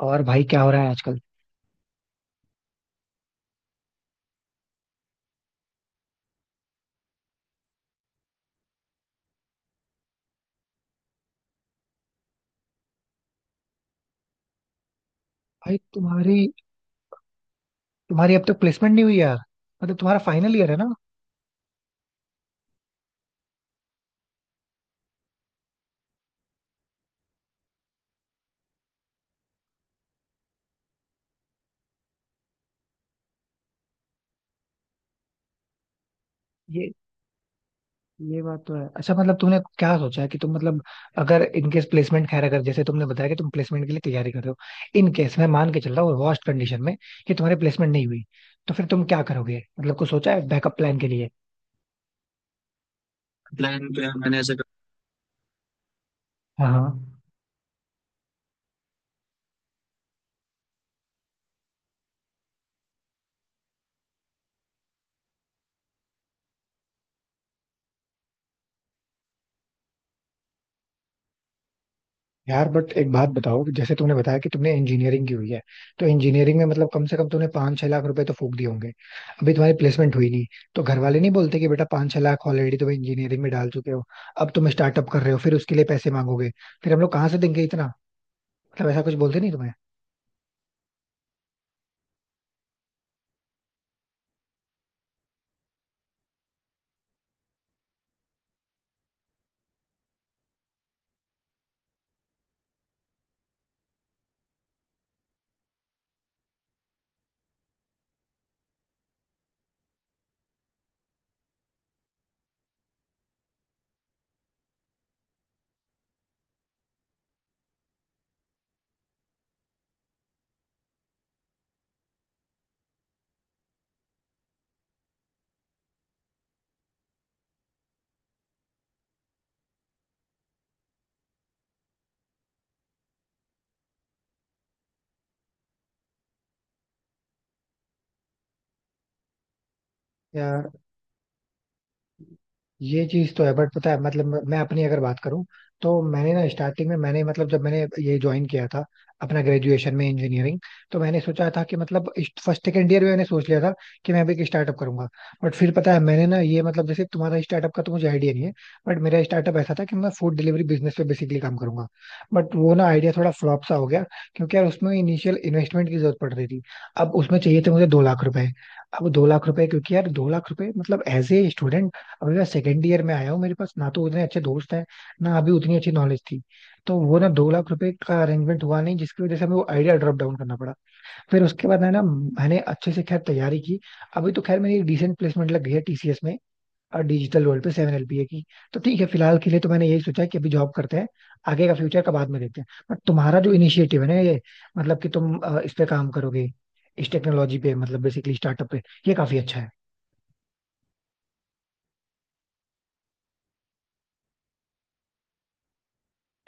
और भाई क्या हो रहा है आजकल। भाई तुम्हारी तुम्हारी अब तक प्लेसमेंट नहीं हुई यार? मतलब तुम्हारा फाइनल ईयर है ना? ये ये बात तो है। अच्छा, मतलब तुमने क्या सोचा है कि तुम मतलब अगर इनकेस प्लेसमेंट, खैर, अगर जैसे तुमने बताया कि तुम प्लेसमेंट के लिए तैयारी कर रहे हो, इन केस मैं मान के चल रहा हूँ वर्स्ट कंडीशन में कि तुम्हारी प्लेसमेंट नहीं हुई तो फिर तुम क्या करोगे? मतलब कुछ सोचा है बैकअप प्लान के लिए? प्लान तो यार मैंने ऐसे कर, हाँ हाँ। यार बट एक बात बताओ कि जैसे तुमने बताया कि तुमने इंजीनियरिंग की हुई है, तो इंजीनियरिंग में मतलब कम से कम तुमने 5-6 लाख रुपए तो फूक दिए होंगे। अभी तुम्हारी प्लेसमेंट हुई नहीं, तो घर वाले नहीं बोलते कि बेटा 5-6 लाख ऑलरेडी तुम इंजीनियरिंग में डाल चुके हो, अब तुम स्टार्टअप कर रहे हो, फिर उसके लिए पैसे मांगोगे, फिर हम लोग कहाँ से देंगे इतना? मतलब ऐसा कुछ बोलते नहीं तुम्हें? यार ये चीज तो है बट पता है मतलब मैं अपनी अगर बात करूं तो मैंने ना स्टार्टिंग में मैंने मतलब जब मैंने ये ज्वाइन किया था अपना ग्रेजुएशन में इंजीनियरिंग, तो मैंने सोचा था कि मतलब फर्स्ट सेकेंड ईयर में मैंने सोच लिया था कि मैं भी एक स्टार्टअप करूंगा। बट फिर पता है मैंने ना ये मतलब जैसे तुम्हारा स्टार्टअप का तो मुझे आइडिया नहीं है, बट मेरा स्टार्टअप ऐसा था कि मैं फूड डिलीवरी बिजनेस पे बेसिकली काम करूंगा। बट वो ना आइडिया थोड़ा फ्लॉप सा हो गया क्योंकि यार उसमें इनिशियल इन्वेस्टमेंट की जरूरत पड़ रही थी। अब उसमें चाहिए थे मुझे 2 लाख रुपए। अब 2 लाख रुपए क्योंकि यार 2 लाख रुपए मतलब एज ए स्टूडेंट, अभी मैं सेकेंड ईयर में आया हूँ, मेरे पास ना तो उतने अच्छे दोस्त हैं, ना अभी उतनी अच्छी नॉलेज थी। तो वो ना 2 लाख रुपए का अरेंजमेंट हुआ नहीं, जिसकी वजह से हमें वो आइडिया ड्रॉप डाउन करना पड़ा। फिर उसके बाद है ना मैंने अच्छे से खैर तैयारी की। अभी तो खैर मेरी डिसेंट प्लेसमेंट लग गई है टीसीएस में, और डिजिटल वर्ल्ड पे 7 LPA की। तो ठीक है, फिलहाल के लिए तो मैंने यही सोचा है कि अभी जॉब करते हैं, आगे का फ्यूचर का बाद में देखते हैं। बट तुम्हारा जो इनिशिएटिव है ना ये, मतलब कि तुम इस पे काम करोगे, इस टेक्नोलॉजी पे मतलब बेसिकली स्टार्टअप पे, ये काफी अच्छा है।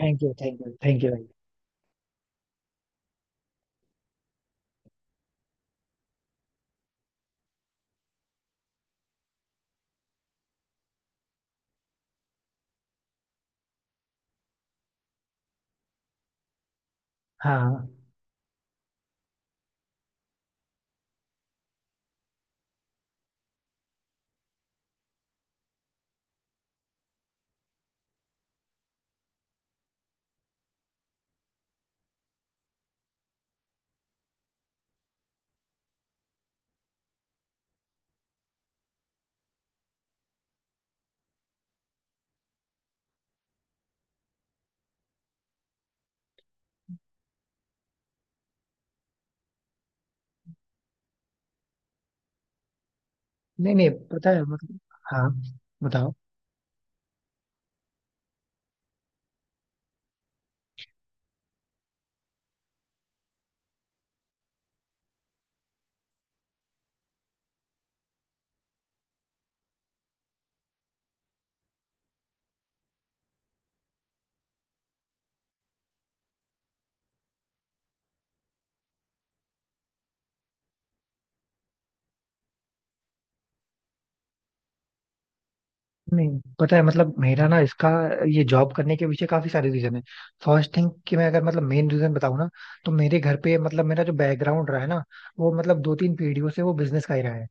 Thank you thank you thank you भाई। हाँ। नहीं नहीं, पता है मतलब। हाँ बताओ। नहीं, पता है मतलब मेरा ना इसका ये जॉब करने के पीछे काफी सारे रीजन है। फर्स्ट थिंग कि मैं अगर मतलब मेन रीजन बताऊं ना, तो मेरे घर पे मतलब मेरा जो बैकग्राउंड रहा है ना, वो मतलब 2-3 पीढ़ियों से वो बिजनेस का ही रहा है।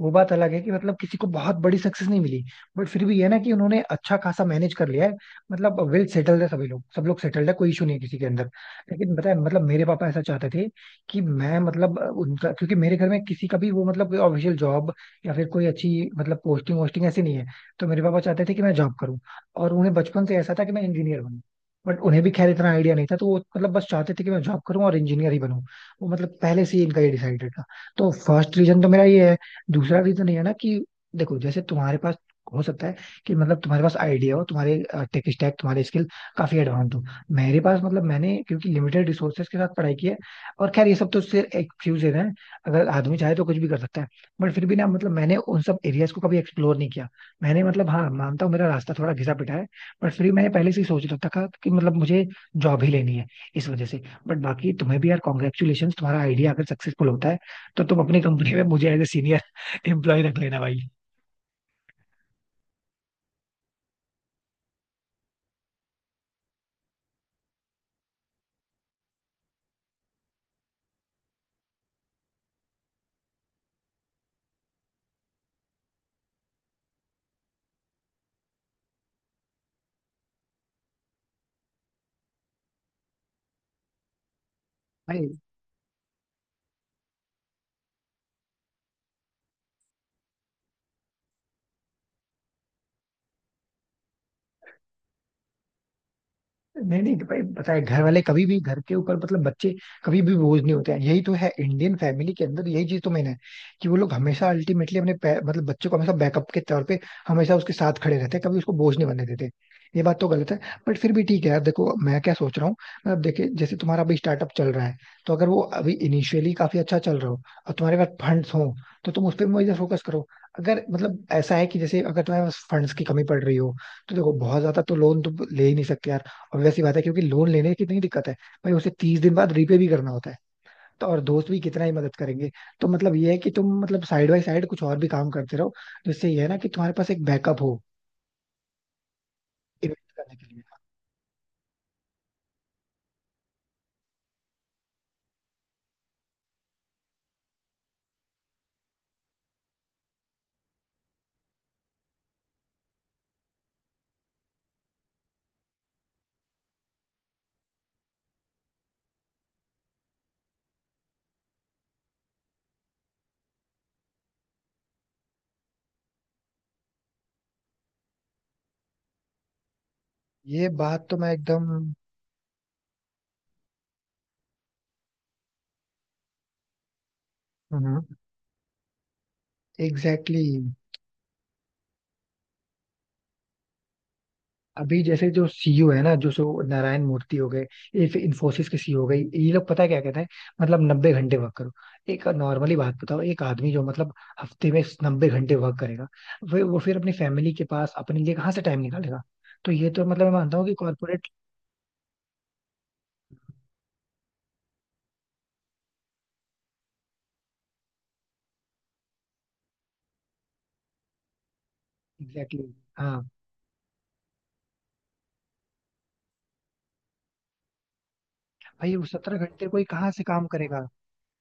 वो बात अलग है कि मतलब किसी को बहुत बड़ी सक्सेस नहीं मिली, बट फिर भी ये ना कि उन्होंने अच्छा खासा मैनेज कर लिया है। मतलब वेल सेटल्ड है सभी लोग, सब लोग सेटल्ड है, कोई इशू नहीं है किसी के अंदर। लेकिन पता है मतलब मेरे पापा ऐसा चाहते थे कि मैं मतलब उनका क्योंकि मेरे घर में किसी का भी वो मतलब कोई ऑफिशियल जॉब या फिर कोई अच्छी मतलब पोस्टिंग वोस्टिंग ऐसी नहीं है, तो मेरे पापा चाहते थे कि मैं जॉब करूँ। और उन्हें बचपन से ऐसा था कि मैं इंजीनियर बनूँ। बट उन्हें भी खैर इतना आइडिया नहीं था, तो वो मतलब बस चाहते थे कि मैं जॉब करूं और इंजीनियर ही बनूं। वो मतलब पहले से ही इनका ये डिसाइडेड था। तो फर्स्ट रीजन तो मेरा ये है। दूसरा रीजन ये है ना कि देखो जैसे तुम्हारे पास हो सकता है कि मतलब तुम्हारे पास आइडिया हो, तुम्हारे टेक स्टैक, तुम्हारे स्किल काफी एडवांस हो। मेरे पास मतलब मैंने क्योंकि लिमिटेड रिसोर्सेज के साथ पढ़ाई की है, और खैर ये सब तो सिर्फ एक्सक्यूजेज हैं, अगर आदमी चाहे तो कुछ भी कर सकता है। बट फिर भी ना मतलब मैंने उन सब एरियाज को कभी एक्सप्लोर नहीं किया। मैंने मतलब हाँ मानता हूँ मेरा रास्ता थोड़ा घिसा पिटा है, बट फिर भी मैंने पहले से ही सोच रखा था कि मतलब मुझे जॉब ही लेनी है, इस वजह से। बट बाकी तुम्हें भी यार कॉन्ग्रेचुलेशन, तुम्हारा आइडिया अगर सक्सेसफुल होता है तो तुम अपनी कंपनी में मुझे एज ए सीनियर एम्प्लॉय रख लेना भाई। भाई नहीं नहीं भाई, पता है घर वाले कभी भी घर के ऊपर मतलब बच्चे कभी भी बोझ नहीं होते हैं, यही तो है इंडियन फैमिली के अंदर यही चीज तो मैंने है कि वो लोग हमेशा अल्टीमेटली अपने मतलब बच्चों को हमेशा बैकअप के तौर पे हमेशा उसके साथ खड़े रहते हैं, कभी उसको बोझ नहीं बनने देते। ये बात तो गलत है। बट फिर भी ठीक है यार, देखो मैं क्या सोच रहा हूँ। मतलब देखिए जैसे तुम्हारा अभी स्टार्टअप चल रहा है, तो अगर वो अभी इनिशियली काफी अच्छा चल रहा हो और तुम्हारे पास फंड्स हो, तो तुम उस पर मुझे फोकस करो। अगर मतलब ऐसा है कि जैसे अगर तुम्हारे पास फंड्स की कमी पड़ रही हो, तो देखो बहुत ज्यादा तो लोन तो ले ही नहीं सकते यार। ऑब्वियस सी बात है, क्योंकि लोन लेने की कितनी दिक्कत है भाई, उसे 30 दिन बाद रीपे भी करना होता है। तो और दोस्त भी कितना ही मदद करेंगे। तो मतलब ये है कि तुम मतलब साइड बाय साइड कुछ और भी काम करते रहो, जिससे ये है ना कि तुम्हारे पास एक बैकअप हो इन्वेस्ट करने के लिए। ये बात तो मैं एकदम। हम्म। एग्जैक्टली। अभी जैसे जो सीईओ है ना, जो सो नारायण मूर्ति हो गए, ये फिर इन्फोसिस के सीईओ हो गए, ये लोग पता है क्या कहते हैं? मतलब 90 घंटे वर्क करो। एक नॉर्मली बात बताओ, एक आदमी जो मतलब हफ्ते में 90 घंटे वर्क करेगा, वो फिर अपनी फैमिली के पास अपने लिए कहाँ से टाइम निकालेगा? तो ये तो मतलब मैं मानता हूँ कि कॉर्पोरेट। एग्जैक्टली exactly, हाँ। भाई वो 17 घंटे कोई कहाँ से काम करेगा?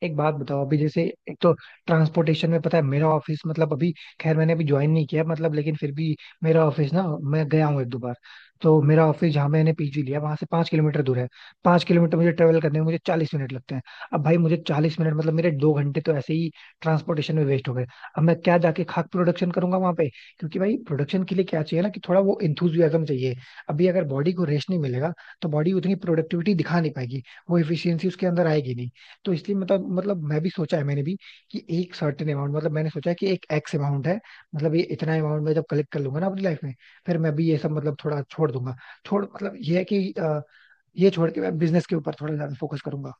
एक बात बताओ, अभी जैसे, एक तो ट्रांसपोर्टेशन में, पता है मेरा ऑफिस मतलब अभी खैर मैंने अभी ज्वाइन नहीं किया, मतलब लेकिन फिर भी मेरा ऑफिस ना, मैं गया हूँ 1-2 बार। तो मेरा ऑफिस जहाँ मैंने पीजी लिया वहां से 5 किलोमीटर दूर है। 5 किलोमीटर मुझे ट्रेवल करने में मुझे 40 मिनट लगते हैं। अब भाई मुझे 40 मिनट मतलब मेरे 2 घंटे तो ऐसे ही ट्रांसपोर्टेशन में वेस्ट हो गए। अब मैं क्या जाके खाक प्रोडक्शन करूंगा वहां पे? क्योंकि भाई प्रोडक्शन के लिए क्या चाहिए ना कि थोड़ा वो इंथुजियाज्म चाहिए। अभी अगर बॉडी को रेस्ट नहीं मिलेगा तो बॉडी उतनी प्रोडक्टिविटी दिखा नहीं पाएगी, वो एफिशिएंसी उसके अंदर आएगी नहीं। तो इसलिए मतलब मैं भी सोचा है, मैंने भी कि एक सर्टेन अमाउंट, मतलब मैंने सोचा है कि एक एक्स अमाउंट है, मतलब ये इतना अमाउंट मैं जब कलेक्ट कर लूंगा ना अपनी लाइफ में, फिर मैं भी ये सब मतलब थोड़ा छोड़ दूंगा। छोड़ मतलब ये है कि ये छोड़ के मैं बिजनेस के ऊपर थोड़ा ज्यादा फोकस करूंगा।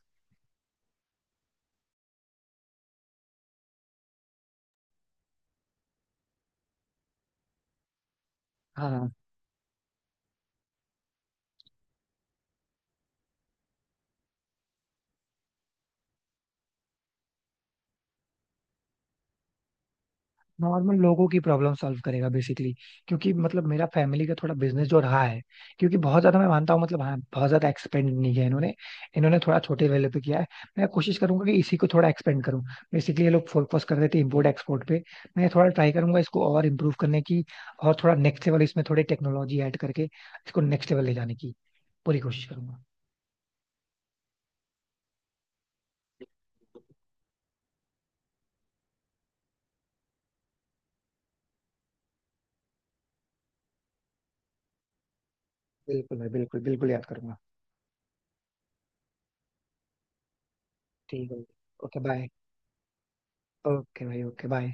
हाँ। नॉर्मल लोगों की प्रॉब्लम सॉल्व करेगा बेसिकली, क्योंकि मतलब मेरा फैमिली का थोड़ा बिजनेस जो रहा है, क्योंकि बहुत ज्यादा, मैं मानता हूँ मतलब हाँ बहुत ज्यादा एक्सपेंड नहीं किया इन्होंने, इन्होंने थोड़ा छोटे लेवल पे किया है। मैं कोशिश करूंगा कि इसी को थोड़ा एक्सपेंड करूँ। बेसिकली ये लोग फोकस कर रहे थे इम्पोर्ट एक्सपोर्ट पे, मैं थोड़ा ट्राई करूंगा इसको और इम्प्रूव करने की, और थोड़ा नेक्स्ट लेवल इसमें थोड़ी टेक्नोलॉजी ऐड करके इसको नेक्स्ट लेवल ले जाने की पूरी कोशिश करूंगा। बिल्कुल भाई बिल्कुल बिल्कुल याद करूंगा। ठीक है। Okay bye. ओके भाई ओके बाय।